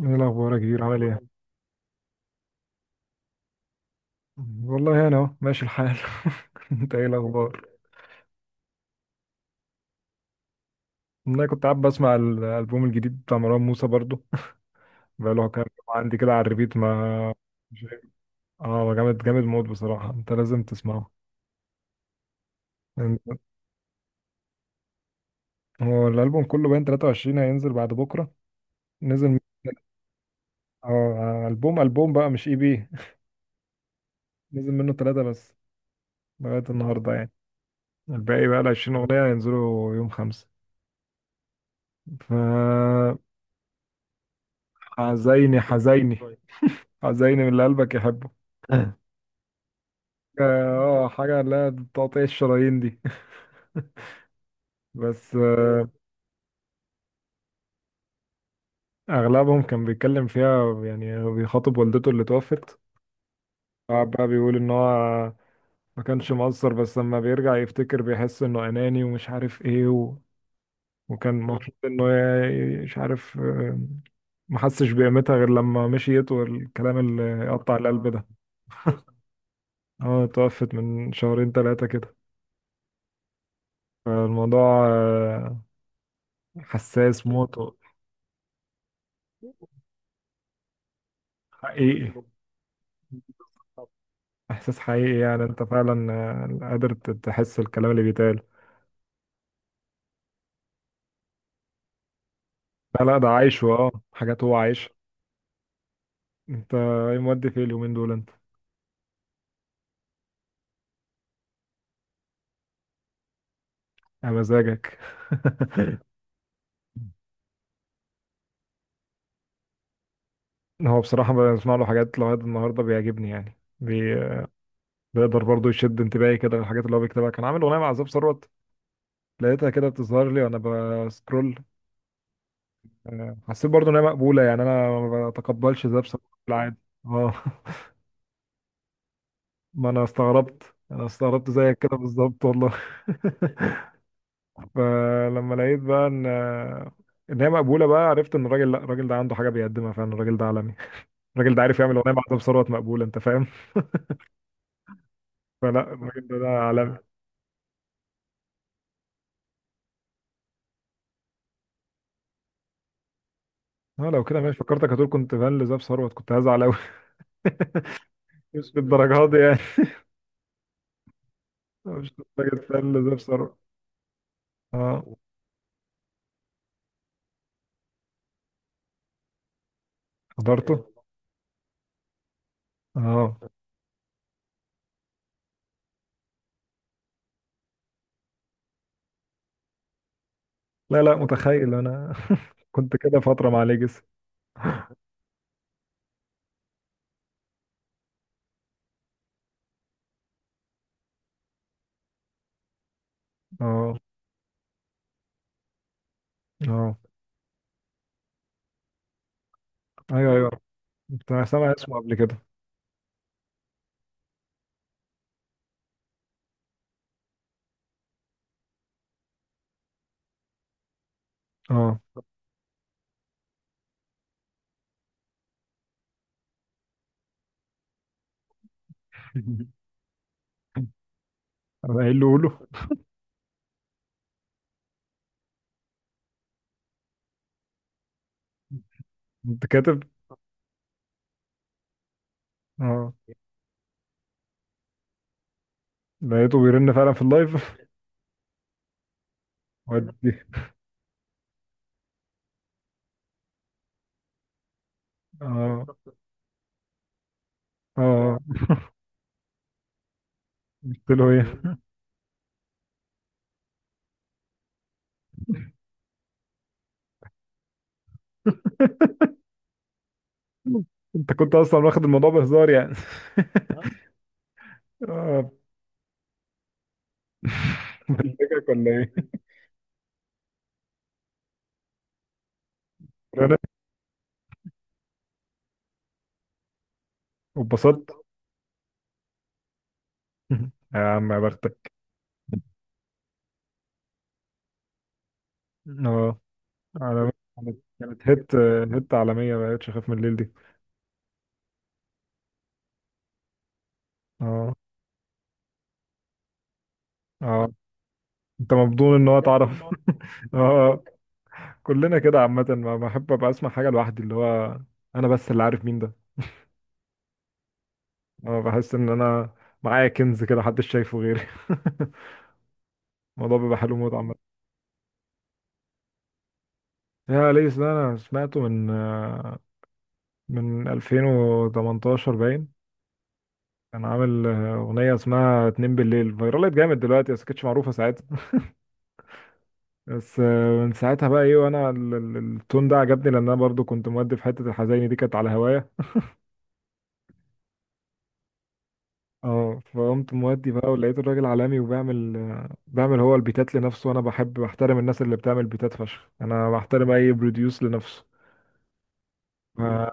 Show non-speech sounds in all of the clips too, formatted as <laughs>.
ايه الاخبار يا كبير عامل ايه. والله انا اهو ماشي الحال. <laughs> انت ايه الاخبار. انا كنت قاعد بسمع الالبوم الجديد بتاع مروان موسى برضو بقاله كام يوم عندي كده على الريبيت ما مش عارف. اه جامد جامد موت بصراحه، انت لازم تسمعه. انت- هو الالبوم كله باين 23 هينزل بعد بكره. نزل من- اه البوم بقى مش اي بي. <laughs> نزل منه ثلاثه بس لغايه النهارده يعني. الباقي بقى ال 20 اغنيه هينزلوا يوم خمسة. ف حزيني، حزيني، حزيني من اللي قلبك يحبه. <laughs> اه حاجة اللي هي تقطيع الشرايين دي. <laughs> بس أغلبهم كان بيتكلم فيها يعني بيخاطب والدته اللي توفت. قعد بقى بيقول إن هو ما كانش مقصر، بس لما بيرجع يفتكر بيحس إنه أناني ومش عارف إيه و... وكان المفروض إنه مش عارف ما حسش بقيمتها غير لما مشيت، والكلام اللي يقطع القلب ده. اه، توفت من شهرين ثلاثة كده. فالموضوع حساس موت. حقيقي، احساس حقيقي، يعني انت فعلا قادر تحس الكلام اللي بيتقال. لا لا، ده عايشه، اه، حاجات هو عايش. انت ايه مودي في اليومين دول انت؟ يا مزاجك. <laughs> هو بصراحة بسمع له حاجات لغاية النهاردة بيعجبني، يعني بيقدر برضه يشد انتباهي كده للحاجات اللي هو بيكتبها. كان عامل أغنية مع زاب ثروت، لقيتها كده بتظهر لي وأنا بسكرول. حسيت برضه إن هي مقبولة، يعني أنا ما بتقبلش زاب ثروت في العادي. اه. <laughs> ما انا استغربت انا استغربت زيك كده بالظبط والله. <laughs> فلما لقيت بقى ان هي مقبوله، بقى عرفت ان الراجل، لا، الراجل ده عنده حاجه بيقدمها فعلا. الراجل ده عالمي. الراجل ده عارف يعمل اغنيه مع زاب ثروت مقبوله، انت فاهم. <laughs> فلا الراجل ده عالمي. اه، لو كده ماشي فكرتك، هتقول كنت فان لزاب ثروت كنت هزعل قوي. <laughs> مش بالدرجه دي يعني. <laughs> مش درجه فان لزاب ثروت. اه. حضرته. اه، لا لا، متخيل انا. <laughs> كنت كده فتره مع ليجس. اه اه. ايوه ايوه، كنت سامع اسمه قبل كده. اه. <laughs> انا قايل له قوله. انت كاتب. اه، لقيته بيرن فعلا في اللايف. <laughs> ودي. اه اه. قلت له ايه؟ انت كنت اصلا واخد الموضوع بهزار يعني. <laughs> اه. بلجك ولا ايه؟ رن. واتبسطت. <laughs> يا عم يا بختك. اه. على- كانت، كانت هيت، هيت عالمية ما بقتش اخاف من الليل دي. اه اه. انت مبدون ان هو تعرف. <laughs> اه، كلنا كده عامة. ما بحب ابقى اسمع حاجة لوحدي، اللي هو انا بس اللي عارف مين ده. اه، بحس ان انا معايا كنز كده محدش شايفه غيري. <laughs> الموضوع بيبقى حلو موت عامة. يا ليس ده انا سمعته من من 2018 باين. كان عامل اغنية اسمها اتنين بالليل، فايرالت جامد دلوقتي بس كانتش معروفة ساعتها. بس من ساعتها بقى ايه، وانا التون ده عجبني، لان انا برضو كنت مودي في حتة الحزيني دي، كانت على هوايا. اه، فقمت مودي بقى، ولقيت الراجل عالمي وبيعمل بيعمل هو البيتات لنفسه، وانا بحب بحترم الناس اللي بتعمل بيتات فشخ، انا بحترم اي بروديوس لنفسه. ما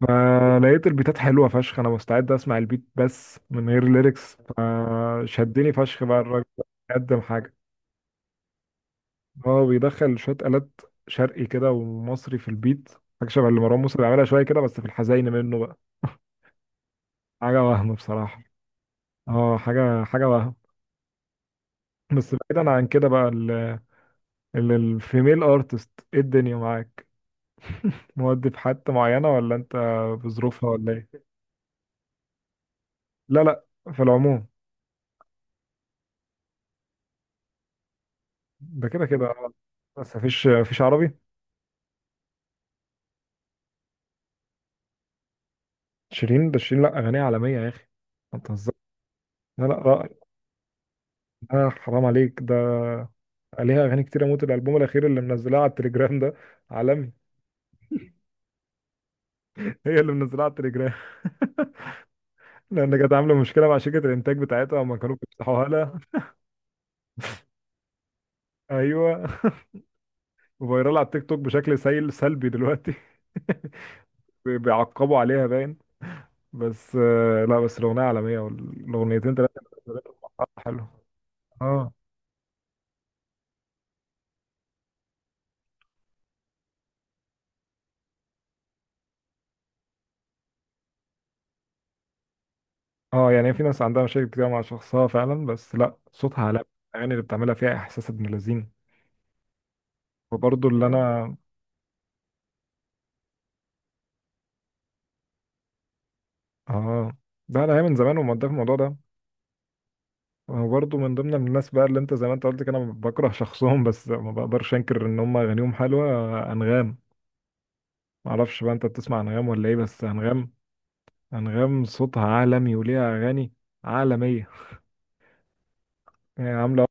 ما لقيت البيتات حلوه فشخ، انا مستعد اسمع البيت بس من غير ليركس. شدني فشخ بقى الراجل ده، قدم حاجه. هو بيدخل شويه آلات شرقي كده ومصري في البيت، حاجه شبه اللي مروان موسى بيعملها شويه كده، بس في الحزين منه بقى. حاجه وهم بصراحه. اه، حاجه، حاجه وهم. بس بعيدا عن كده بقى، الفيميل ارتست ايه الدنيا معاك؟ <laughs> مودي في حتة معينة ولا انت بظروفها ولا ايه؟ لا لا، في العموم. ده كده كده بس مفيش، مفيش عربي. شيرين؟ ده شيرين لا، اغانيها عالميه يا اخي، ما تهزرش. لا لا، رائع. لا حرام عليك ده، عليها اغاني كتير اموت. الالبوم الاخير اللي منزلاه على التليجرام ده عالمي. <laughs> هي اللي منزلاه على التليجرام. <laughs> لان كانت عامله مشكله مع شركه الانتاج بتاعتها وما كانوا بيفتحوها لها. ايوه. فايرال على التيك توك بشكل سيل سلبي دلوقتي. <laughs> بيعقبوا عليها باين. بس لا بس الاغنيه عالميه، والاغنيتين ثلاثه. حلو. اه اه. يعني في ناس عندها مشاكل كتير مع شخصها فعلا، بس لا، صوتها، على الاغاني اللي بتعملها فيها احساس ابن لذين. وبرضه اللي، اه، انا، اه، ده انا هي من زمان ومقدر في الموضوع ده. وبرضه من ضمن الناس بقى اللي انت زي ما انت قلت كده، انا بكره شخصهم بس ما بقدرش انكر ان هم اغانيهم حلوه. انغام. ما اعرفش بقى انت بتسمع انغام ولا ايه، بس انغام، انغام صوتها عالمي وليها اغاني عالميه يعني عامله.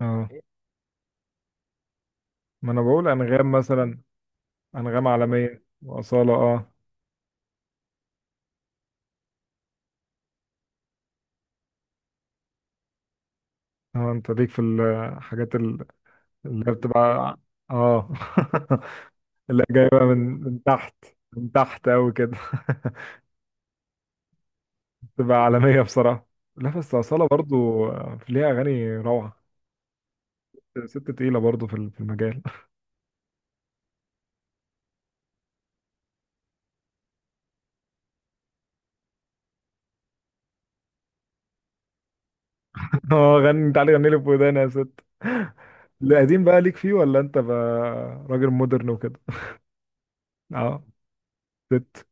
اه، ما انا بقول انغام مثلا. انغام عالميه، واصاله، اه. اه، انت ليك في الحاجات اللي هي بتبقى اه، <laughs> اللي هي جايبه من من تحت، من تحت قوي كده. <laughs> تبقى عالميه بصراحه. لا بس أصالة برضو ليها أغاني روعة. ست تقيلة برضو في في المجال. <laughs> اه، غني، تعالي غني لي في وداني يا ست. القديم بقى ليك فيه ولا أنت بقى راجل مودرن وكده؟ اه. ست.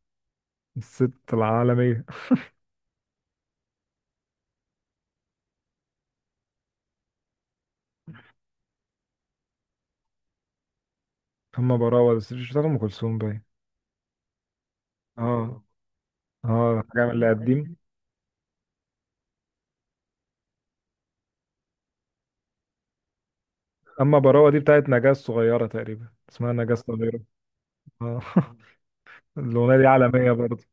الست العالمية. أما براوة بس مش بتاعت أم كلثوم باين. اه اه، حاجة من اللي قديم. أما براوة دي بتاعت نجاة الصغيرة تقريبا، اسمها نجاة الصغيرة. آه. <laughs> الأغنية دي عالمية برضه.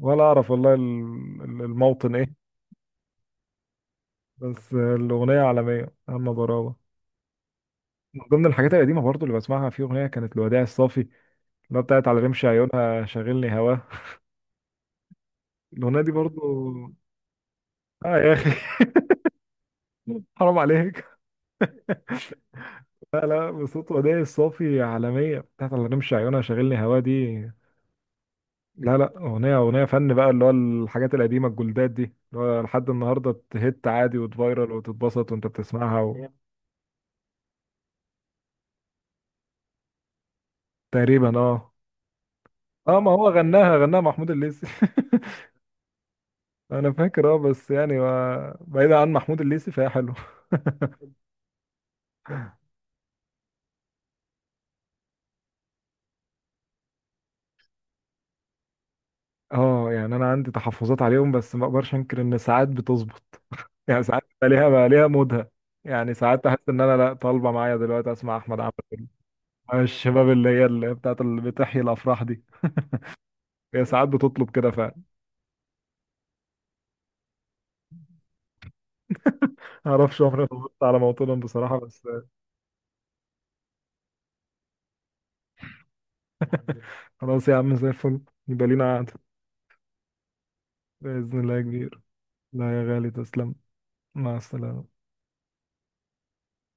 ولا أعرف والله الموطن إيه. بس الأغنية عالمية أما براوة. من ضمن الحاجات القديمة برضه اللي بسمعها في أغنية كانت الوداع الصافي، اللي هي بتاعت على رمش عيونها شاغلني هواه. الأغنية دي برضه. <laughs> آه يا أخي. <laughs> حرام عليك، لا لا، بصوت وداع الصافي عالمية بتاعت على رمش عيونها شاغلني هواه دي. لا لا، أغنية، أغنية فن بقى، اللي هو الحاجات القديمة الجولدات دي، اللي هو لحد النهاردة تهت عادي وتفايرل وتتبسط وأنت بتسمعها و... تقريبا اه. اه، ما هو غناها، غناها محمود الليثي. <laughs> انا فاكر، اه، بس يعني بعيدا عن محمود الليثي فهي حلو. <laughs> اه، يعني انا عندي تحفظات عليهم بس ما اقدرش انكر ان ساعات بتظبط. يعني ساعات بقى ليها مودها. يعني ساعات احس ان انا لا طالبه معايا دلوقتي اسمع احمد عامر. أنا الشباب اللي هي اللي بتاعت اللي بتحيي الافراح دي، هي ساعات بتطلب كده فعلا. <laughs> معرفش، عمري ما ظبطت على موطنهم بصراحه بس. خلاص يا عم زي الفل، يبقى لينا قعده. باذن الله يا كبير. لا يا غالي تسلم، مع السلامه.